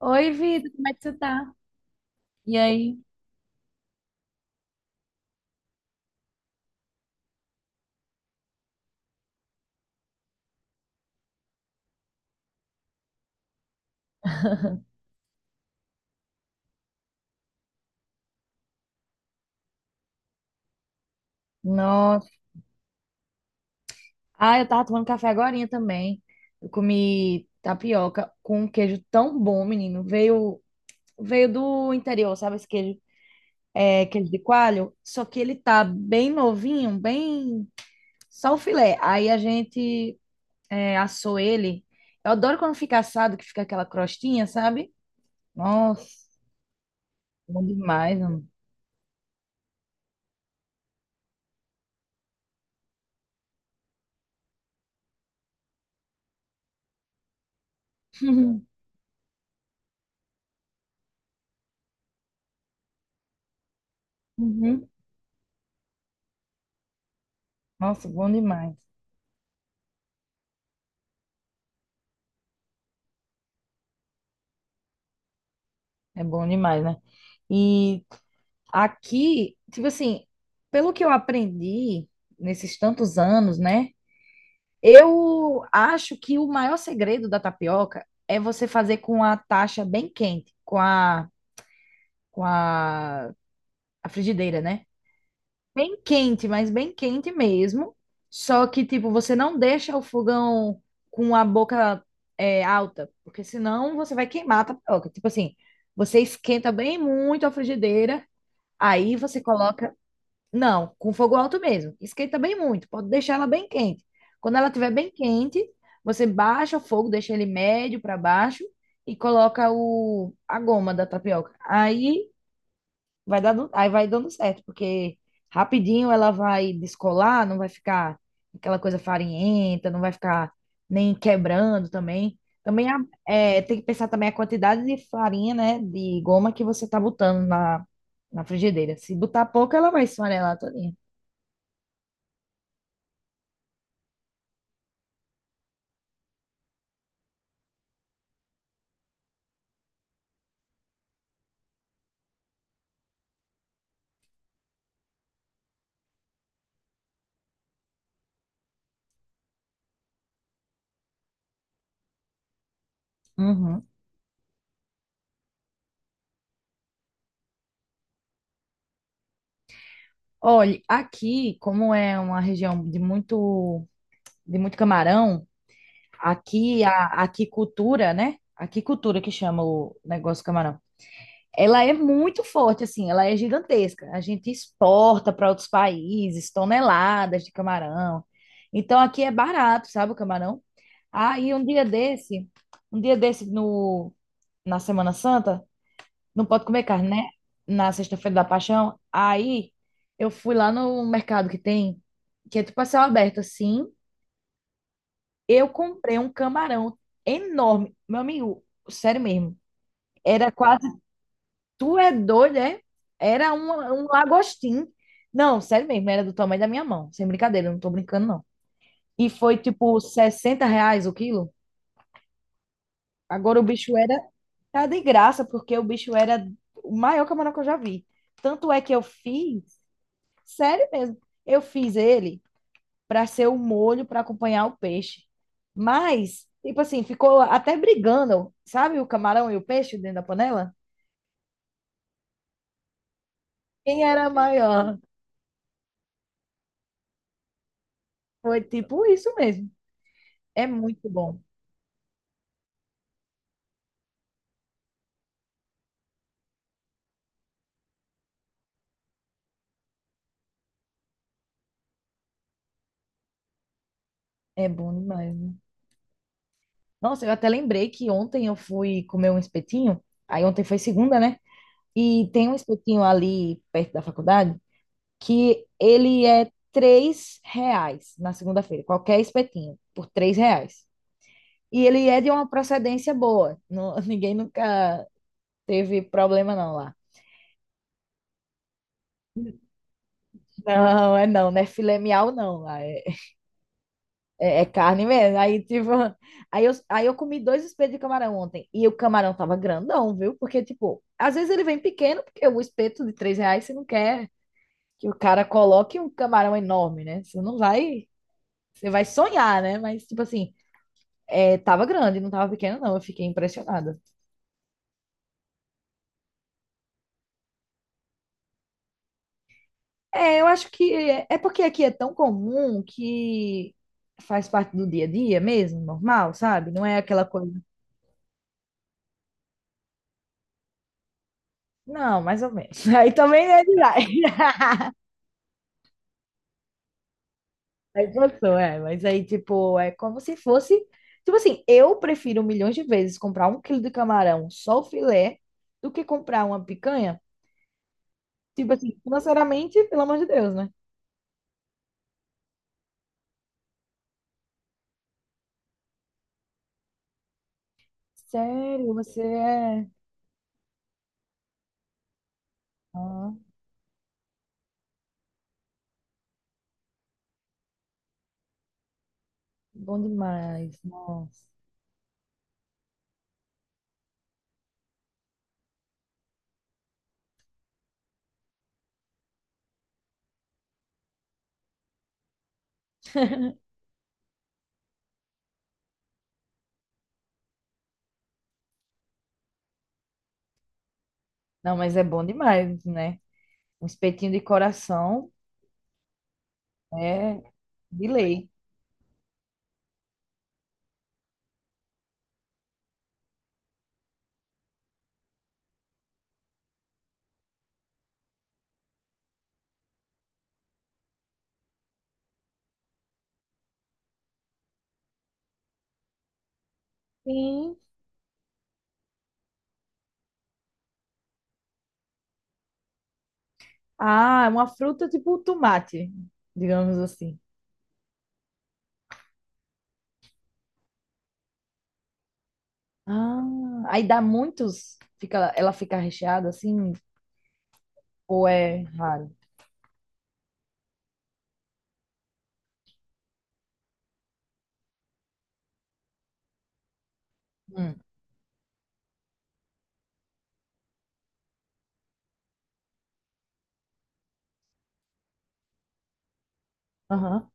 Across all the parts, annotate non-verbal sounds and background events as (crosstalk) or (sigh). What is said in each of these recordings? Oi, Vida, como é que você tá? E aí? (laughs) Nossa. Ah, eu tava tomando café agorinha também. Eu comi tapioca com um queijo tão bom, menino. Veio do interior, sabe esse queijo? É queijo de coalho. Só que ele tá bem novinho, bem... Só o filé. Aí a gente assou ele. Eu adoro quando fica assado, que fica aquela crostinha, sabe? Nossa, bom demais, mano. (laughs) Uhum. Nossa, bom demais. É bom demais, né? E aqui, tipo assim, pelo que eu aprendi nesses tantos anos, né? Eu acho que o maior segredo da tapioca é você fazer com a taxa bem quente, com a frigideira, né? Bem quente, mas bem quente mesmo. Só que, tipo, você não deixa o fogão com a boca alta, porque senão você vai queimar a tapioca. Tipo assim, você esquenta bem muito a frigideira, aí você coloca. Não, com fogo alto mesmo. Esquenta bem muito, pode deixar ela bem quente. Quando ela estiver bem quente, você baixa o fogo, deixa ele médio para baixo e coloca a goma da tapioca. Aí vai dando certo, porque rapidinho ela vai descolar, não vai ficar aquela coisa farinhenta, não vai ficar nem quebrando também. Também a- tem que pensar também a quantidade de farinha, né, de goma que você tá botando na frigideira. Se botar pouco, ela vai esfarelar toda. Uhum. Olha, aqui, como é uma região de muito camarão, aqui a aquicultura, né? Aquicultura que chama o negócio do camarão. Ela é muito forte, assim, ela é gigantesca. A gente exporta para outros países toneladas de camarão. Então aqui é barato, sabe, o camarão? Aí um dia desse, um dia desse na Semana Santa, não pode comer carne, né? Na sexta-feira da Paixão. Aí eu fui lá no mercado que tem, que é tipo a céu aberto, assim. Eu comprei um camarão enorme. Meu amigo, sério mesmo. Era quase. Tu é doido, é? Era um lagostim. Não, sério mesmo, era do tamanho da minha mão. Sem brincadeira, eu não tô brincando, não. E foi tipo R$ 60 o quilo. Agora o bicho era. Tá de graça, porque o bicho era o maior camarão que eu já vi. Tanto é que eu fiz. Sério mesmo. Eu fiz ele para ser o molho para acompanhar o peixe. Mas, tipo assim, ficou até brigando, sabe? O camarão e o peixe dentro da panela? Quem era maior? Foi tipo isso mesmo. É muito bom. É bom demais, né? Nossa, eu até lembrei que ontem eu fui comer um espetinho. Aí ontem foi segunda, né? E tem um espetinho ali perto da faculdade que ele é R$ 3 na segunda-feira. Qualquer espetinho, por R$ 3. E ele é de uma procedência boa. Não- (laughs) ninguém nunca teve problema, não, lá. Não, é não, não é filé mignon, não. Lá. É, é carne mesmo. Aí, tipo, (laughs) aí eu comi dois espetos de camarão ontem. E o camarão tava grandão, viu? Porque, tipo, às vezes ele vem pequeno, porque o espeto de R$ 3 você não quer que o cara coloque um camarão enorme, né? Você não vai. Você vai sonhar, né? Mas, tipo assim, tava grande, não tava pequeno, não. Eu fiquei impressionada. É, eu acho que é porque aqui é tão comum que faz parte do dia a dia mesmo, normal, sabe? Não é aquela coisa. Não, mais ou menos. (laughs) Aí também é demais. (laughs) Aí passou, é. Mas aí, tipo, é como se fosse. Tipo assim, eu prefiro milhões de vezes comprar um quilo de camarão só o filé do que comprar uma picanha. Tipo assim, financeiramente, pelo amor de Deus, né? Sério, você é. Ah, bom demais. Nossa. Não, mas é bom demais, né? Um espetinho de coração é de lei. Sim. Ah, é uma fruta tipo tomate, digamos assim. Ah, aí dá muitos, fica, ela fica recheada assim, ou é raro? Hum, aham,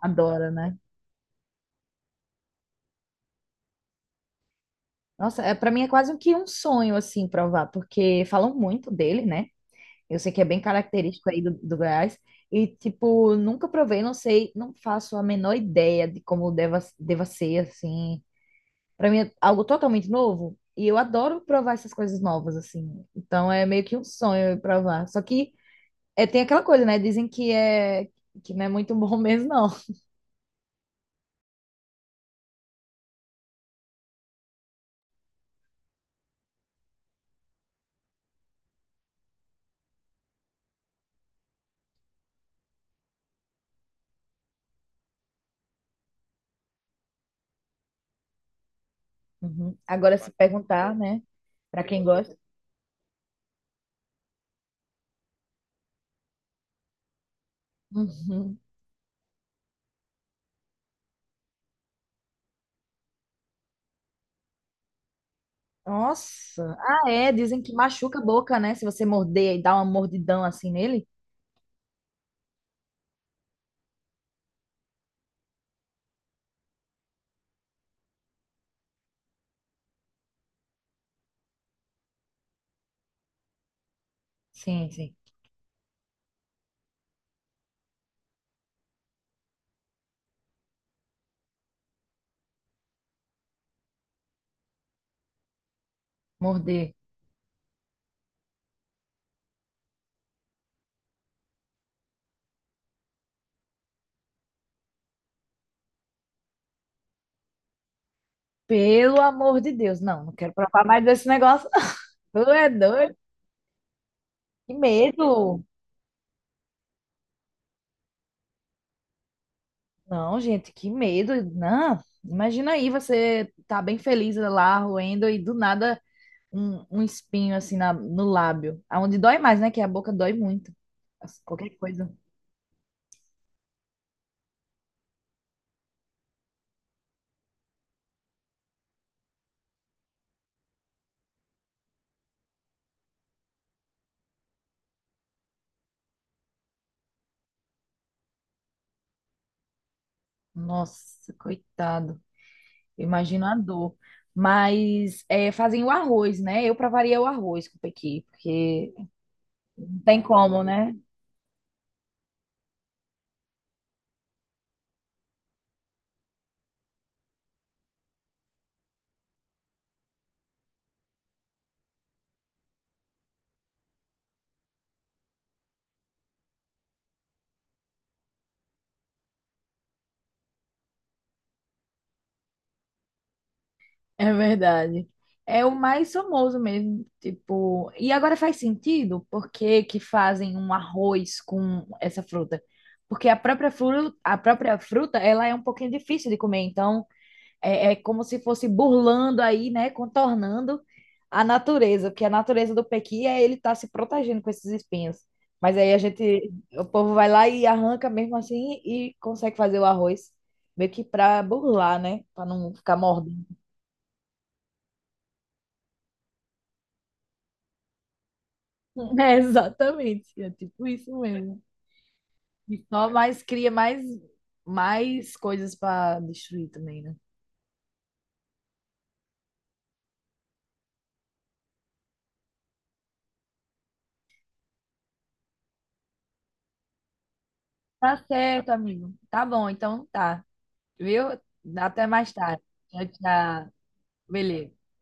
adora, né? Nossa, é, para mim é quase que um sonho assim provar, porque falam muito dele, né? Eu sei que é bem característico aí do Goiás. E, tipo, nunca provei, não sei, não faço a menor ideia de como deva ser, assim, pra mim é algo totalmente novo. E eu adoro provar essas coisas novas, assim. Então é meio que um sonho eu provar. Só que tem aquela coisa, né? Dizem que não é muito (laughs) bom mesmo, não. Uhum. Agora, se perguntar, né? Pra quem gosta. Uhum. Nossa. Ah, é. Dizem que machuca a boca, né? Se você morder e dar uma mordidão assim nele. Sim, sim. Morder. Pelo amor de Deus. Não, não quero provar mais desse negócio. (laughs) Tu é doido? Que medo. Não, gente, que medo. Não, imagina aí, você tá bem feliz lá, roendo, e do nada um espinho assim no lábio. Aonde dói mais, né? Que a boca dói muito. Nossa, qualquer coisa. Nossa, coitado. Imagina a dor. Mas é, fazem o arroz, né? Eu pra variar o arroz com o pequi, porque não tem como, né? É verdade. É o mais famoso mesmo, tipo. E agora faz sentido por que que fazem um arroz com essa fruta? Porque a própria fruta, ela é um pouquinho difícil de comer, então é como se fosse burlando aí, né, contornando a natureza, porque a natureza do pequi é ele estar se protegendo com esses espinhos. Mas aí a gente, o povo vai lá e arranca mesmo assim e consegue fazer o arroz meio que para burlar, né, para não ficar mordendo. (laughs) É, exatamente. É tipo isso mesmo. E só mais cria mais coisas para destruir também, né? Tá certo, amigo. Tá bom, então tá. Viu? Até mais tarde. Tchau, tchau. Beleza.